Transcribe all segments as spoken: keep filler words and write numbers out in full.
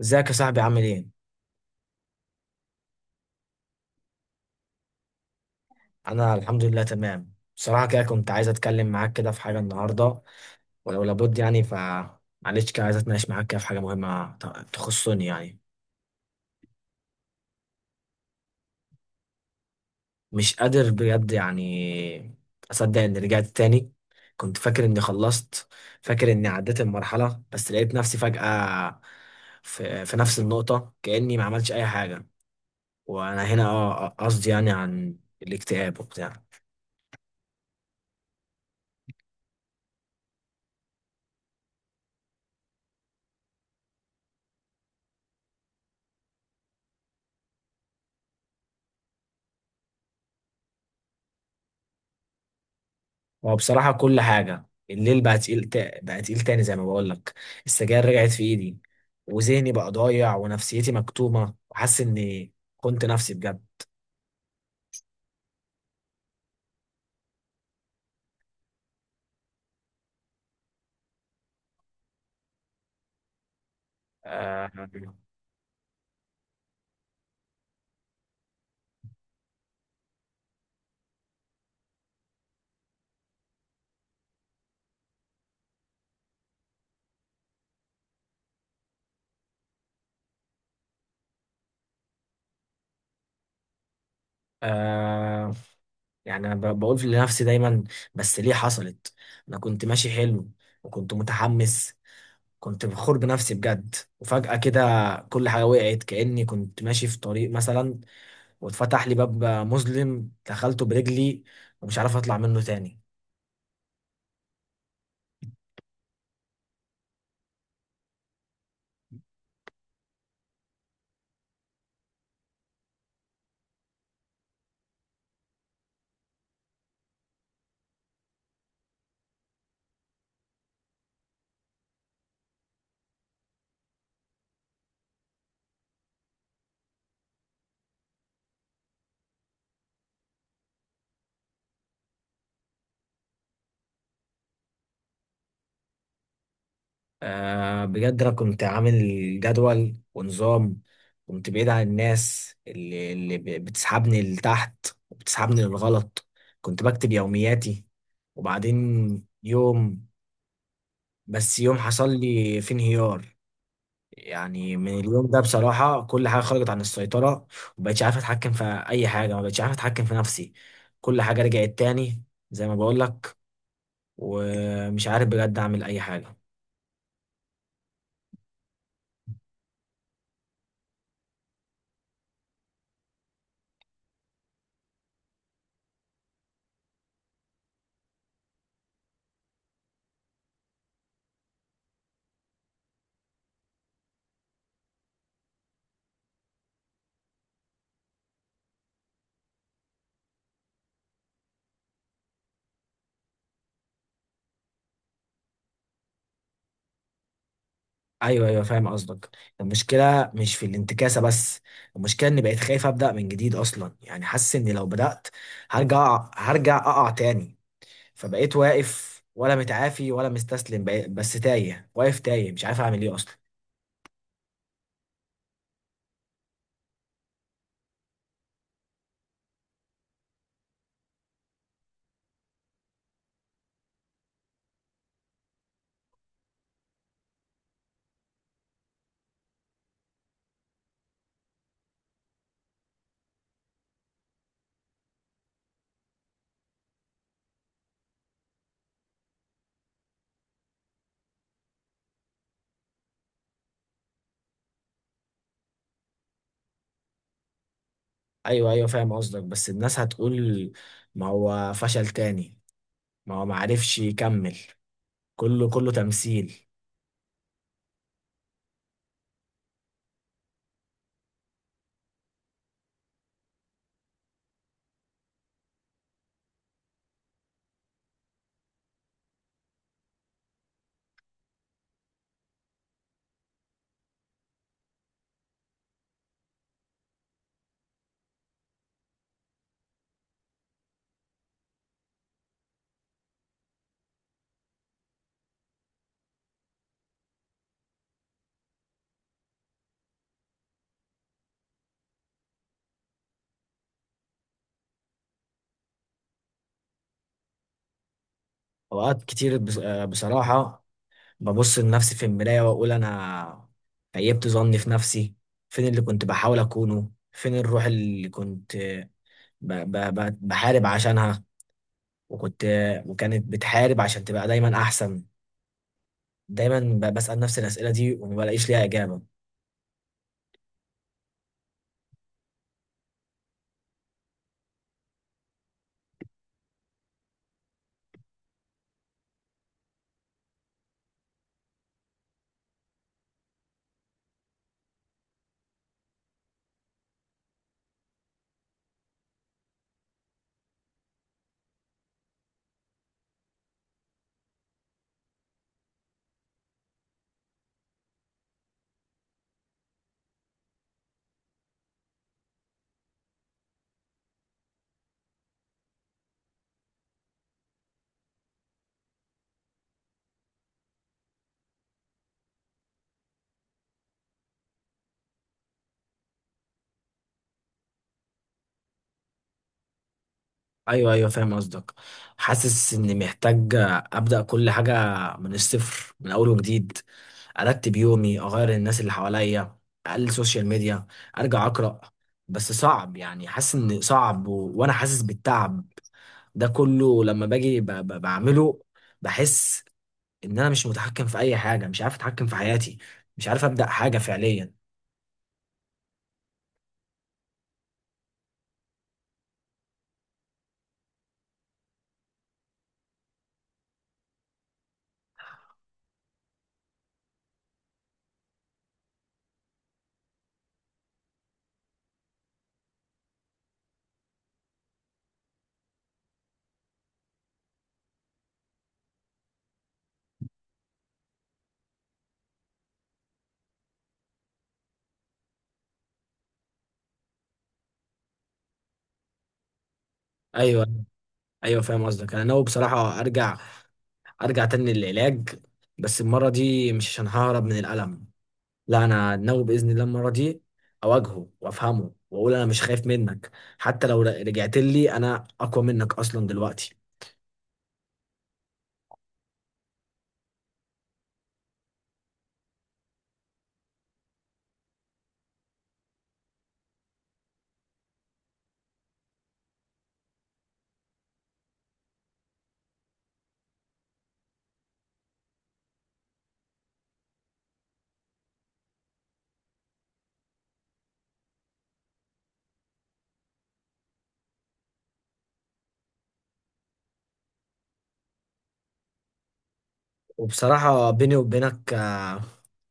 ازيك يا صاحبي، عامل ايه؟ انا الحمد لله تمام. بصراحة كده كنت عايز اتكلم معاك كده في حاجة النهاردة، ولو لابد يعني ف معلش كده عايز اتناقش معاك كده في حاجة مهمة ت- تخصني يعني. مش قادر بجد يعني اصدق اني رجعت تاني. كنت فاكر اني خلصت، فاكر اني عديت المرحلة، بس لقيت نفسي فجأة في, في نفس النقطة كأني ما عملتش اي حاجة. وانا هنا اه قصدي يعني عن الاكتئاب وبتاع. هو بصراحة كل حاجة الليل بقى تقيل تا... بقى تقيل تاني زي ما بقولك. السجاير رجعت في إيدي، وذهني بقى ضايع ونفسيتي مكتومة وحاسس إني كنت نفسي بجد. آه. آه. يعني أنا ب... بقول في لنفسي دايما، بس ليه حصلت؟ أنا كنت ماشي حلو، وكنت متحمس، كنت فخور بنفسي بجد. وفجأة كده كل حاجة وقعت، كأني كنت ماشي في طريق مثلا واتفتح لي باب مظلم دخلته برجلي ومش عارف أطلع منه تاني. آه بجد انا كنت عامل جدول ونظام، كنت بعيد عن الناس اللي, اللي ب- بتسحبني لتحت وبتسحبني للغلط. كنت بكتب يومياتي. وبعدين يوم، بس يوم حصل لي فيه انهيار، يعني من اليوم ده بصراحة كل حاجة خرجت عن السيطرة، ومبقتش عارف اتحكم في اي حاجة، مبقتش عارف اتحكم في نفسي. كل حاجة رجعت تاني زي ما بقولك، ومش عارف بجد اعمل اي حاجة. ايوه، ايوه، فاهم قصدك. المشكله مش في الانتكاسه بس، المشكله اني بقيت خايف ابدا من جديد اصلا، يعني حاسس اني لو بدات هرجع هرجع اقع تاني. فبقيت واقف، ولا متعافي ولا مستسلم، بقيت- بس تايه، واقف تايه، مش عارف اعمل ايه اصلا. ايوه، ايوه، فاهم قصدك. بس الناس هتقول ما هو فشل تاني، ما هو ما عرفش يكمل، كله كله تمثيل. اوقات كتير بص- آه، بصراحه ببص لنفسي في المراية وأقول أنا خيبت ظني في نفسي. فين اللي كنت بحاول أكونه؟ فين الروح اللي كنت ب ب ب بحارب عشانها، وكنت، وكانت بتحارب عشان تبقى دايما أحسن. دايما ب- بسأل نفسي الأسئلة دي وما بلاقيش ليها إجابة. ايوه، ايوه، فاهم قصدك. حاسس اني محتاج ابدا كل حاجه من الصفر، من اول وجديد. ارتب يومي، اغير الناس اللي حواليا، اقلل السوشيال ميديا، ارجع اقرا. بس صعب يعني، حاسس ان صعب و... وانا حاسس بالتعب ده كله لما باجي ب... ب... بعمله. بحس ان انا مش متحكم في اي حاجه، مش عارف اتحكم في حياتي، مش عارف ابدا حاجه فعليا. ايوه، ايوه، فاهم قصدك. انا ناوي بصراحه ارجع ارجع تاني للعلاج، بس المره دي مش عشان ههرب من الالم. لا، انا ناوي باذن الله المره دي اواجهه وافهمه واقول انا مش خايف منك، حتى لو رجعت لي انا اقوى منك اصلا دلوقتي. وبصراحه بيني وبينك، آه،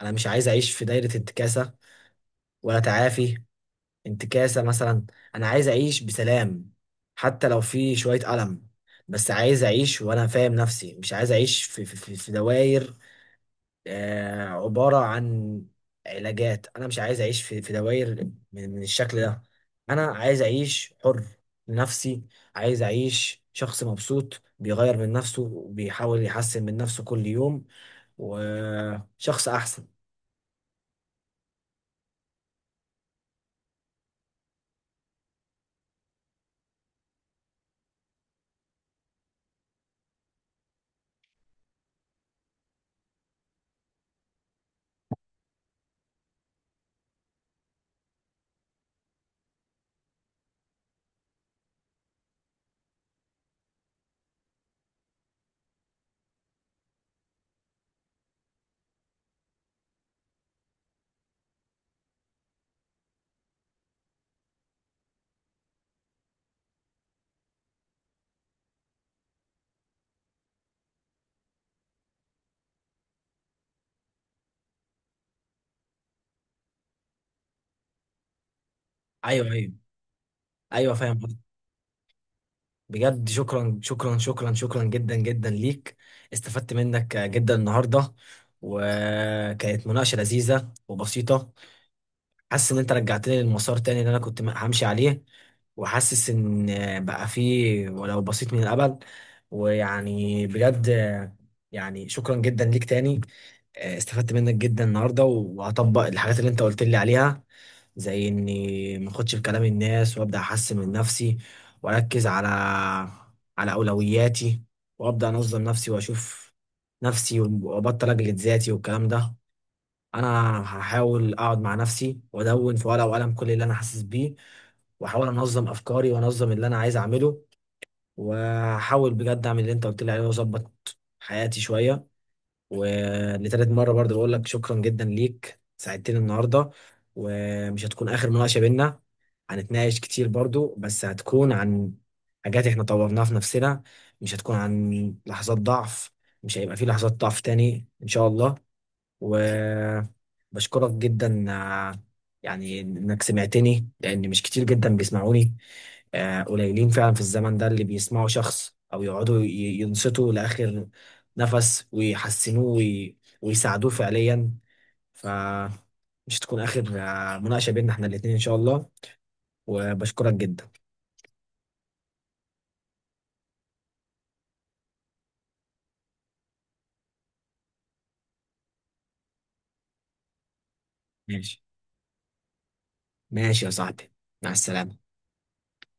انا مش عايز اعيش في دايره انتكاسه، ولا تعافي، انتكاسه مثلا. انا عايز اعيش بسلام، حتى لو في شويه الم، بس عايز اعيش وانا فاهم نفسي. مش عايز اعيش في في في في دوائر آه، عبارة عن علاجات. أنا مش عايز أعيش في في دوائر من من الشكل ده. أنا عايز أعيش حر لنفسي، عايز أعيش شخص مبسوط بيغير من نفسه وبيحاول يحسن من نفسه كل يوم، وشخص أحسن. أيوه، أيوه، أيوه، فاهم قصدك. بجد شكرا شكرا شكرا شكرا جدا جدا ليك. استفدت منك جدا النهاردة، وكانت مناقشة لذيذة وبسيطة. حاسس ان انت رجعتني للمسار تاني اللي انا كنت همشي عليه، وحاسس ان بقى فيه ولو بسيط من الامل. ويعني بجد، يعني شكرا جدا ليك تاني. آه، استفدت منك جدا النهارده وهطبق الحاجات اللي انت قلت لي عليها، زي اني ما اخدش بكلام الناس وابدا احسن من نفسي، واركز على على اولوياتي، وابدا انظم نفسي واشوف نفسي، وابطل اجلد ذاتي والكلام ده. انا هحاول اقعد مع نفسي وادون في ورقه وقلم كل اللي انا حاسس بيه، واحاول انظم افكاري وانظم اللي انا عايز اعمله، وهحاول بجد اعمل اللي انت قلت لي عليه واظبط حياتي شويه. ولتالت مره برضه بقول لك شكرا جدا ليك، ساعدتني النهارده. ومش هتكون اخر مناقشه بينا، هنتناقش كتير برضه بس هتكون عن حاجات احنا طورناها في نفسنا، مش هتكون عن لحظات ضعف. مش هيبقى في لحظات ضعف تاني ان شاء الله. و بشكرك جدا، آه، يعني انك سمعتني، لان مش كتير جدا بيسمعوني. آه، قليلين فعلا في الزمن ده اللي بيسمعوا شخص او يقعدوا ي- ينصتوا لاخر نفس ويحسنوه وي- ويساعدوه فعليا. فمش تكون اخر آه، مناقشة بيننا احنا الاتنين ان شاء الله. وبشكرك جدا. ماشي. ماشي يا صاحبي. مع السلامة.